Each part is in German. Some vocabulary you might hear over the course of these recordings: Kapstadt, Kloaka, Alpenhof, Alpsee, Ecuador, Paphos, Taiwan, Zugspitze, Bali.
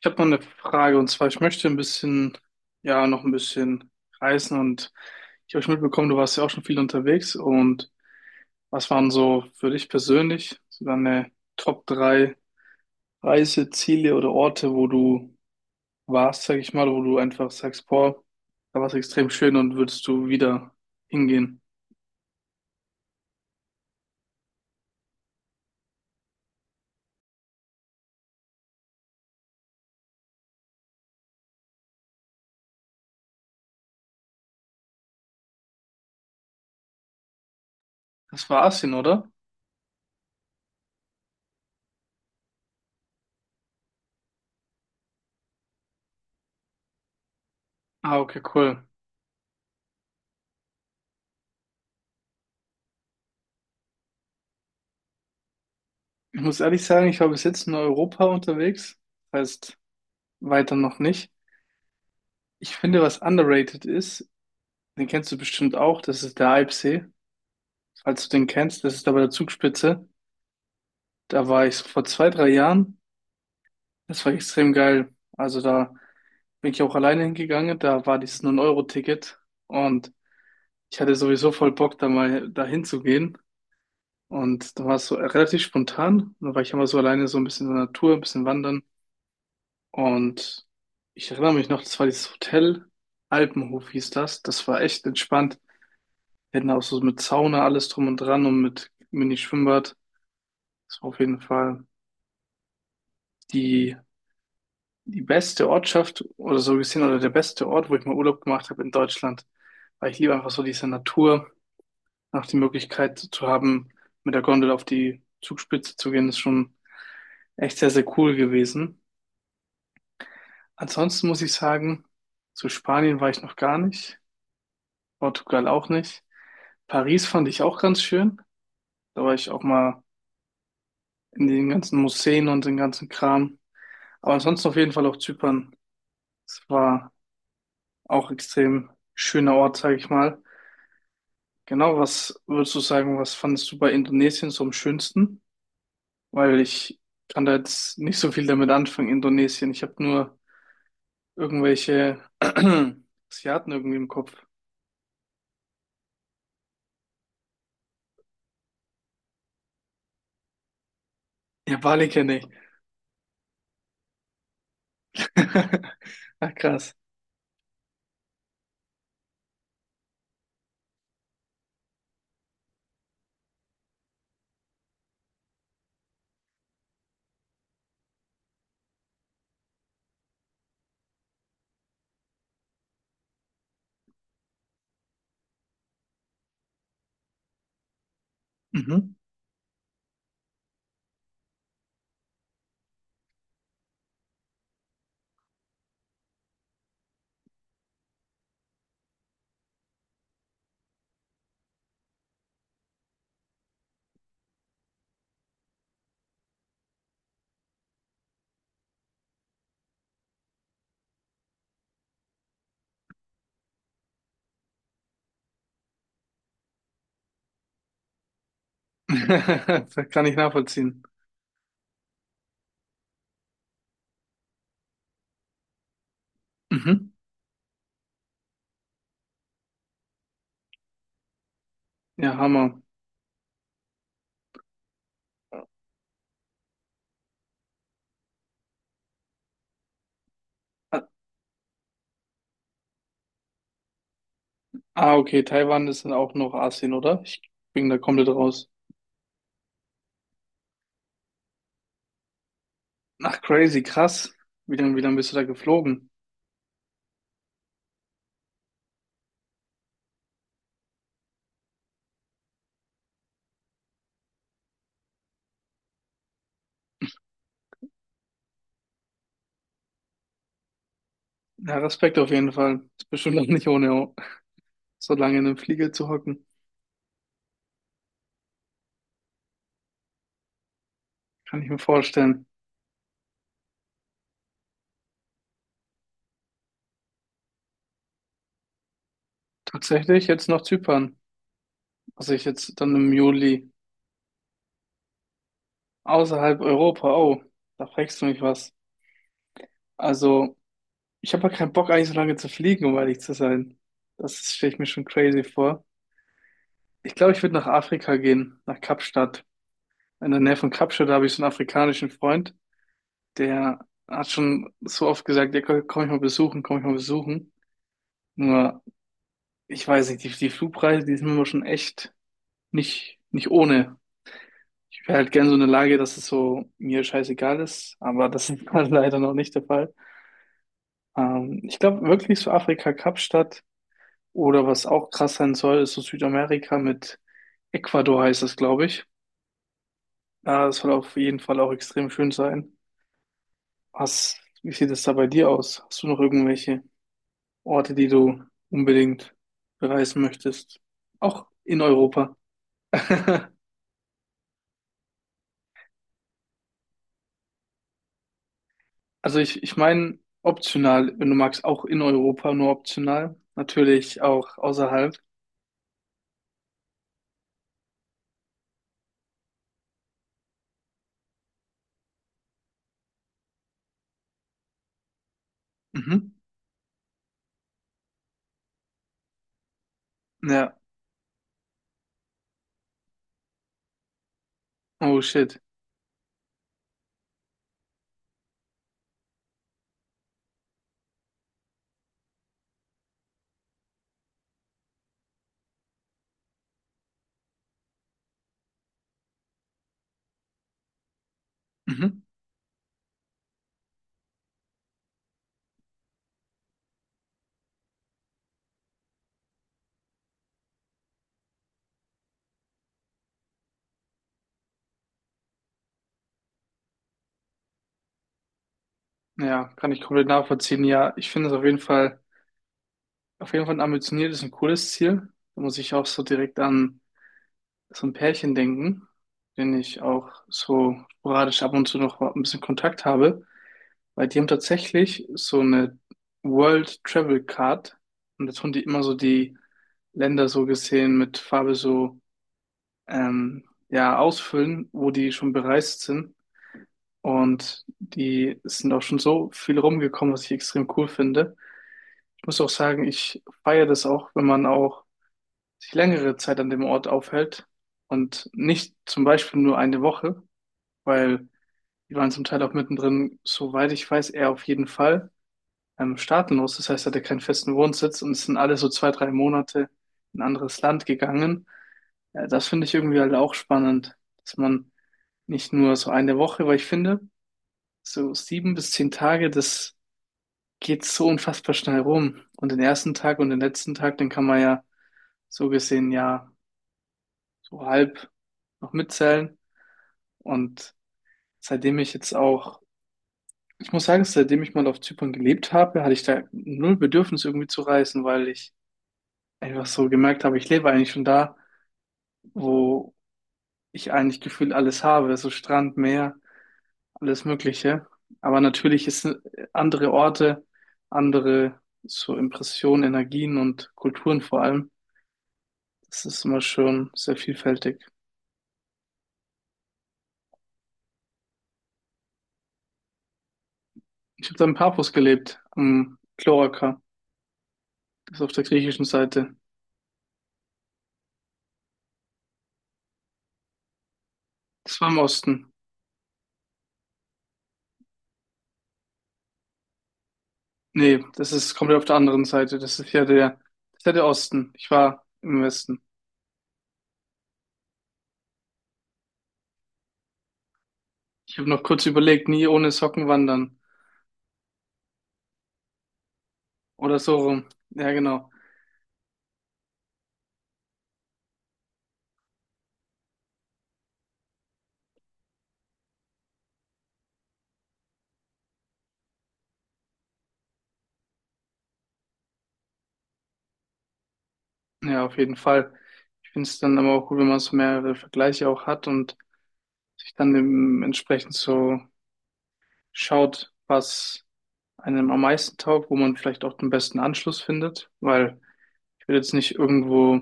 Ich habe mal eine Frage, und zwar ich möchte ein bisschen, ja, noch ein bisschen reisen, und ich habe schon mitbekommen, du warst ja auch schon viel unterwegs. Und was waren so für dich persönlich so deine Top 3 Reiseziele oder Orte, wo du warst, sag ich mal, wo du einfach sagst, boah, da war es extrem schön und würdest du wieder hingehen? Das war Asien, oder? Ah, okay, cool. Ich muss ehrlich sagen, ich war bis jetzt in Europa unterwegs, das heißt weiter noch nicht. Ich finde, was underrated ist, den kennst du bestimmt auch, das ist der Alpsee. Falls du den kennst, das ist da bei der Zugspitze. Da war ich vor 2, 3 Jahren. Das war extrem geil. Also da bin ich auch alleine hingegangen. Da war dieses 9-Euro-Ticket und ich hatte sowieso voll Bock, da mal dahin zu gehen. Und da war es so relativ spontan. Und da war ich immer so alleine, so ein bisschen in der Natur, ein bisschen wandern. Und ich erinnere mich noch, das war dieses Hotel, Alpenhof hieß das. Das war echt entspannt. Wir hatten auch so mit Sauna alles drum und dran und mit Mini-Schwimmbad. Ist auf jeden Fall die, die beste Ortschaft oder so gesehen oder der beste Ort, wo ich mal Urlaub gemacht habe in Deutschland. Weil ich liebe einfach so diese Natur, auch die Möglichkeit zu haben, mit der Gondel auf die Zugspitze zu gehen, ist schon echt sehr, sehr cool gewesen. Ansonsten muss ich sagen, zu Spanien war ich noch gar nicht, Portugal auch nicht. Paris fand ich auch ganz schön. Da war ich auch mal in den ganzen Museen und den ganzen Kram. Aber ansonsten auf jeden Fall auch Zypern. Es war auch extrem schöner Ort, sage ich mal. Genau, was würdest du sagen, was fandest du bei Indonesien so am schönsten? Weil ich kann da jetzt nicht so viel damit anfangen, Indonesien. Ich habe nur irgendwelche Asiaten irgendwie im Kopf. Ja, Bali kenne ich. Ach, krass. Mhm. Das kann ich nachvollziehen. Mhm. Ja, Hammer. Ah, ah, okay, Taiwan ist dann auch noch Asien, oder? Ich bin da komplett raus. Ach, crazy, krass. Wie lange bist du da geflogen? Ja, Respekt auf jeden Fall. Ist bestimmt auch nicht ohne, so lange in einem Flieger zu hocken. Kann ich mir vorstellen. Tatsächlich jetzt noch Zypern. Also ich jetzt dann im Juli außerhalb Europa. Oh, da fragst du mich was. Also ich habe ja keinen Bock eigentlich so lange zu fliegen, um ehrlich zu sein. Das stelle ich mir schon crazy vor. Ich glaube, ich würde nach Afrika gehen, nach Kapstadt. In der Nähe von Kapstadt habe ich so einen afrikanischen Freund, der hat schon so oft gesagt, ja, komm komm ich mal besuchen, komm ich mal besuchen. Nur ich weiß nicht, die Flugpreise, die sind immer schon echt nicht ohne. Ich wäre halt gern so in der Lage, dass es so mir scheißegal ist, aber das ist halt leider noch nicht der Fall. Ich glaube wirklich so Afrika, Kapstadt, oder was auch krass sein soll, ist so Südamerika mit Ecuador heißt das, glaube ich. Ja, das soll auf jeden Fall auch extrem schön sein. Was, wie sieht es da bei dir aus? Hast du noch irgendwelche Orte, die du unbedingt bereisen möchtest? Auch in Europa. Also ich meine optional, wenn du magst, auch in Europa, nur optional. Natürlich auch außerhalb. Mhm. Ja. Oh shit. Mhm. Ja, kann ich komplett nachvollziehen. Ja, ich finde es auf jeden Fall ein ambitioniertes und cooles Ziel. Da muss ich auch so direkt an so ein Pärchen denken, den ich auch so sporadisch ab und zu noch ein bisschen Kontakt habe, weil die haben tatsächlich so eine World Travel Card, und da tun die immer so die Länder so gesehen mit Farbe so ja, ausfüllen, wo die schon bereist sind. Und die sind auch schon so viel rumgekommen, was ich extrem cool finde. Ich muss auch sagen, ich feiere das auch, wenn man auch sich längere Zeit an dem Ort aufhält und nicht zum Beispiel nur eine Woche, weil die waren zum Teil auch mittendrin, soweit ich weiß, eher auf jeden Fall staatenlos. Das heißt, er hatte keinen festen Wohnsitz und sind alle so 2, 3 Monate in ein anderes Land gegangen. Das finde ich irgendwie halt auch spannend, dass man nicht nur so eine Woche, weil ich finde, so 7 bis 10 Tage, das geht so unfassbar schnell rum. Und den ersten Tag und den letzten Tag, den kann man ja so gesehen ja so halb noch mitzählen. Und seitdem ich jetzt auch, ich muss sagen, seitdem ich mal auf Zypern gelebt habe, hatte ich da null Bedürfnis irgendwie zu reisen, weil ich einfach so gemerkt habe, ich lebe eigentlich schon da, wo ich eigentlich gefühlt alles habe, so Strand, Meer, alles Mögliche. Aber natürlich ist andere Orte, andere so Impressionen, Energien und Kulturen vor allem. Das ist immer schon sehr vielfältig. Ich habe da in Paphos gelebt, am Kloaka, das ist auf der griechischen Seite. Das war im Osten. Nee, das ist komplett auf der anderen Seite. Das ist ja das ist ja der Osten. Ich war im Westen. Ich habe noch kurz überlegt, nie ohne Socken wandern. Oder so rum. Ja, genau. Ja, auf jeden Fall. Ich finde es dann aber auch gut, wenn man so mehrere Vergleiche auch hat und sich dann eben entsprechend so schaut, was einem am meisten taugt, wo man vielleicht auch den besten Anschluss findet. Weil ich will jetzt nicht irgendwo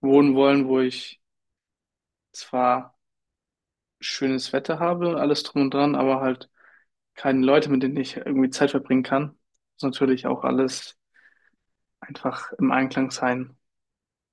wohnen wollen, wo ich zwar schönes Wetter habe, alles drum und dran, aber halt keine Leute, mit denen ich irgendwie Zeit verbringen kann. Muss natürlich auch alles einfach im Einklang sein.